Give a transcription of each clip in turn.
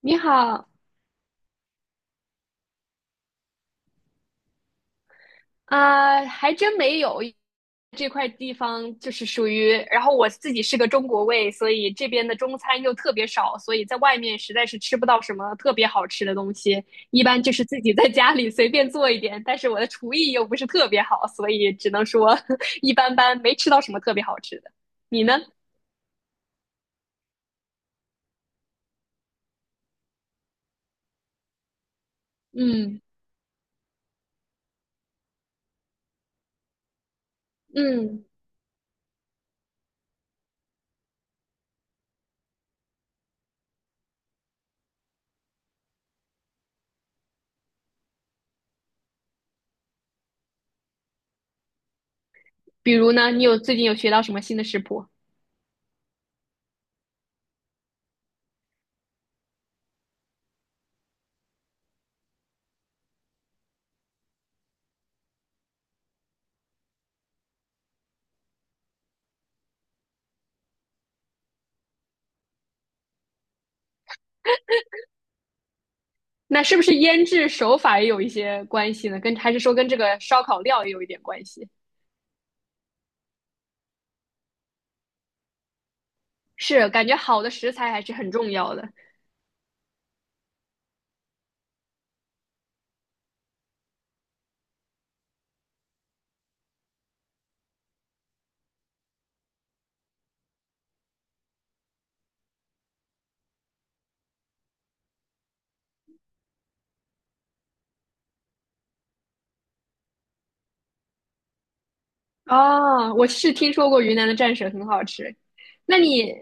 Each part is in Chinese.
你好。啊，还真没有。这块地方就是属于，然后我自己是个中国胃，所以这边的中餐又特别少，所以在外面实在是吃不到什么特别好吃的东西，一般就是自己在家里随便做一点，但是我的厨艺又不是特别好，所以只能说 一般般，没吃到什么特别好吃的。你呢？嗯。嗯，比如呢，你有最近有学到什么新的食谱？那是不是腌制手法也有一些关系呢？跟还是说跟这个烧烤料也有一点关系？是，感觉好的食材还是很重要的。哦，我是听说过云南的蘸水很好吃。那你，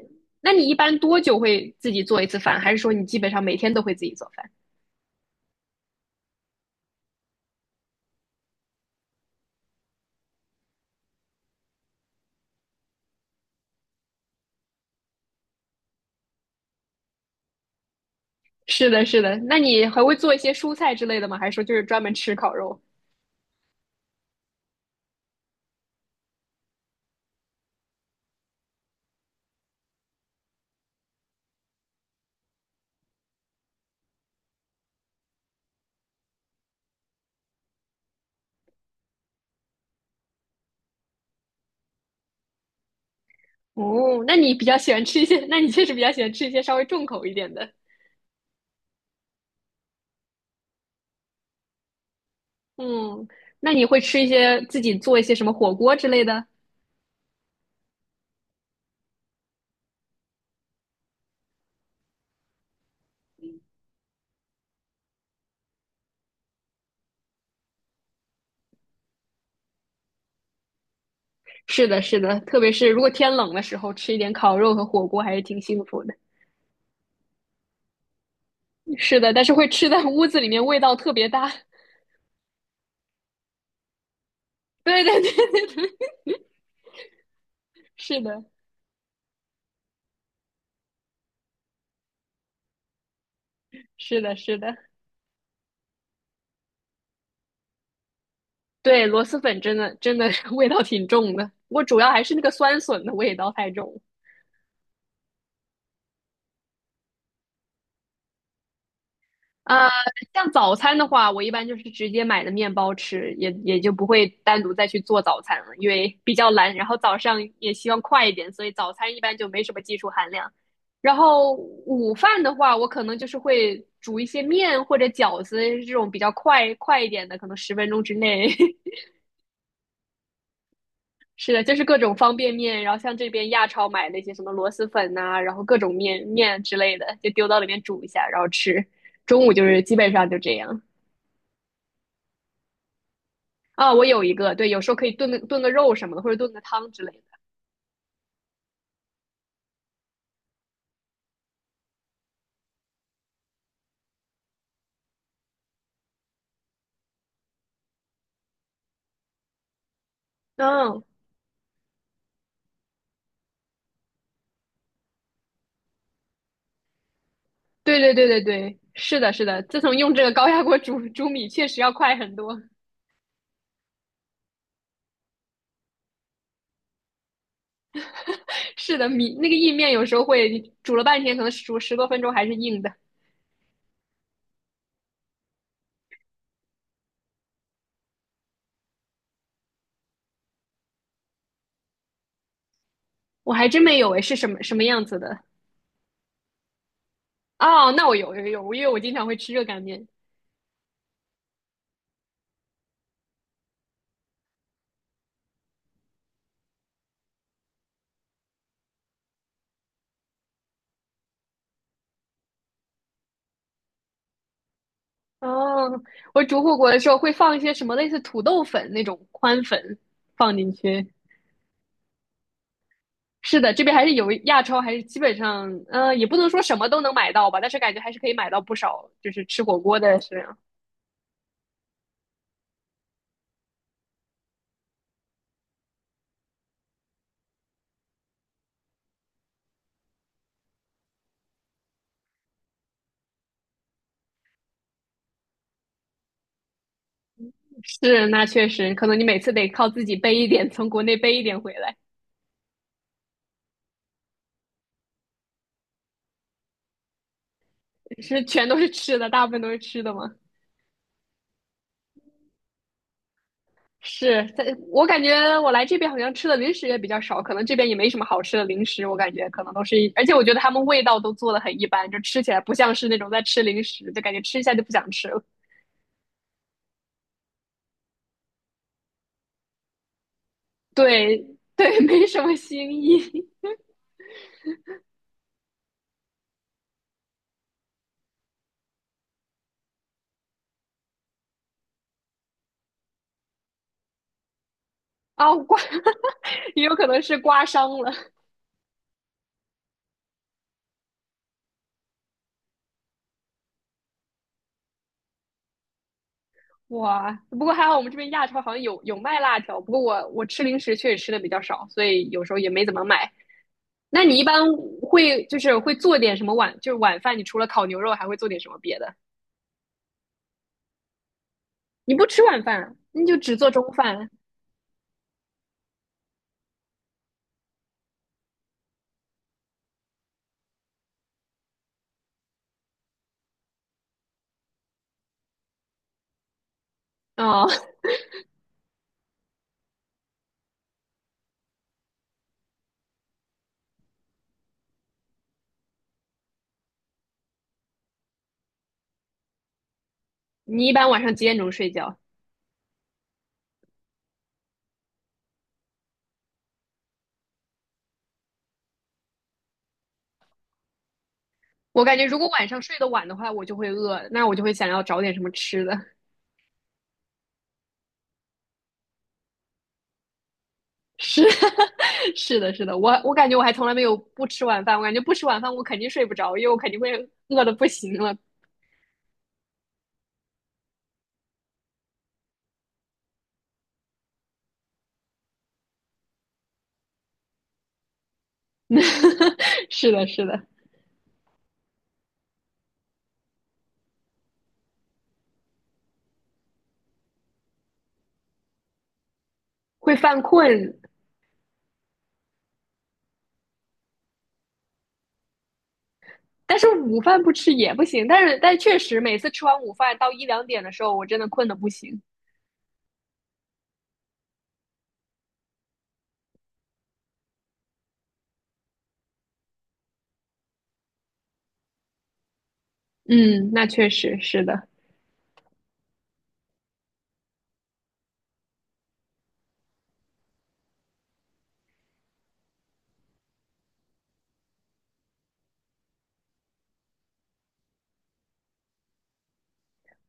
那你一般多久会自己做一次饭？还是说你基本上每天都会自己做饭？是的，是的。那你还会做一些蔬菜之类的吗？还是说就是专门吃烤肉？哦，那你比较喜欢吃一些，那你确实比较喜欢吃一些稍微重口一点的。嗯，那你会吃一些自己做一些什么火锅之类的？是的，是的，特别是如果天冷的时候，吃一点烤肉和火锅还是挺幸福的。是的，但是会吃在屋子里面，味道特别大。对对对对对，是的，是的，是的，对，螺蛳粉真的真的是 味道挺重的，我主要还是那个酸笋的味道太重了。呃，像早餐的话，我一般就是直接买的面包吃，也就不会单独再去做早餐了，因为比较懒，然后早上也希望快一点，所以早餐一般就没什么技术含量。然后午饭的话，我可能就是会煮一些面或者饺子这种比较快一点的，可能十分钟之内。是的，就是各种方便面，然后像这边亚超买那些什么螺蛳粉呐、然后各种面面之类的，就丢到里面煮一下，然后吃。中午就是基本上就这样。啊，我有一个，对，有时候可以炖个肉什么的，或者炖个汤之类的。嗯，对对对对对，是的，是的。自从用这个高压锅煮米，确实要快很多。是的，米那个意面有时候会煮了半天，可能煮十多分钟还是硬的。我还真没有诶，是什么样子的？哦，那我有有有，因为我经常会吃热干面。哦，我煮火锅的时候会放一些什么类似土豆粉那种宽粉放进去。是的，这边还是有亚超，还是基本上，也不能说什么都能买到吧，但是感觉还是可以买到不少，就是吃火锅的是是，那确实，可能你每次得靠自己背一点，从国内背一点回来，是全都是吃的，大部分都是吃的吗？是，在我感觉我来这边好像吃的零食也比较少，可能这边也没什么好吃的零食，我感觉可能都是，而且我觉得他们味道都做的很一般，就吃起来不像是那种在吃零食，就感觉吃一下就不想吃了，对 对，没什么新意。啊，刮，也有可能是刮伤了。哇，不过还好我们这边亚超好像有有卖辣条，不过我吃零食确实吃的比较少，所以有时候也没怎么买。那你一般会就是会做点什么晚，就是晚饭，你除了烤牛肉还会做点什么别的？你不吃晚饭啊，你就只做中饭啊？你一般晚上几点钟睡觉？我感觉如果晚上睡得晚的话，我就会饿，那我就会想要找点什么吃的。是 是的，是的，我感觉我还从来没有不吃晚饭，我感觉不吃晚饭我肯定睡不着，因为我肯定会饿的不行了。是的，是的，会犯困，但是午饭不吃也不行。但是但确实每次吃完午饭到一两点的时候，我真的困的不行。嗯，那确实是的。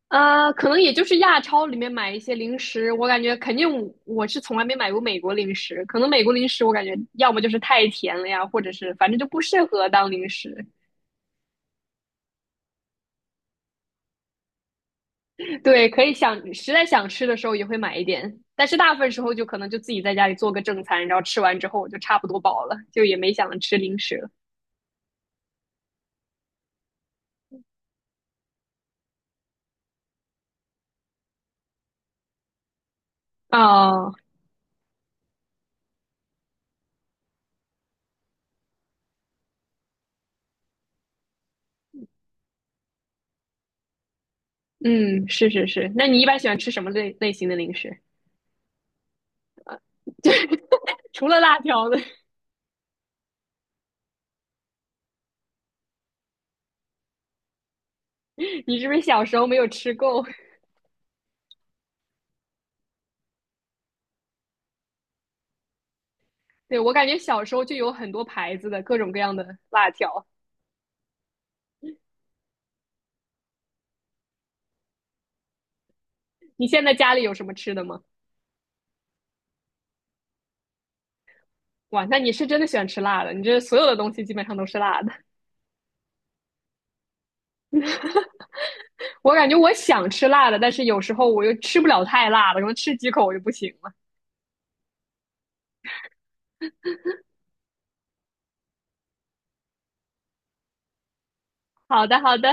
呃，可能也就是亚超里面买一些零食，我感觉肯定我是从来没买过美国零食，可能美国零食我感觉要么就是太甜了呀，或者是反正就不适合当零食。对，可以想实在想吃的时候也会买一点，但是大部分时候就可能就自己在家里做个正餐，然后吃完之后我就差不多饱了，就也没想着吃零食了。哦，嗯，是是是。那你一般喜欢吃什么类型的零食？就除了辣条的，你是不是小时候没有吃够？对，我感觉小时候就有很多牌子的各种各样的辣条。你现在家里有什么吃的吗？哇，那你是真的喜欢吃辣的，你这所有的东西基本上都是辣的。我感觉我想吃辣的，但是有时候我又吃不了太辣了，然后吃几口我就不行了。好的，好的，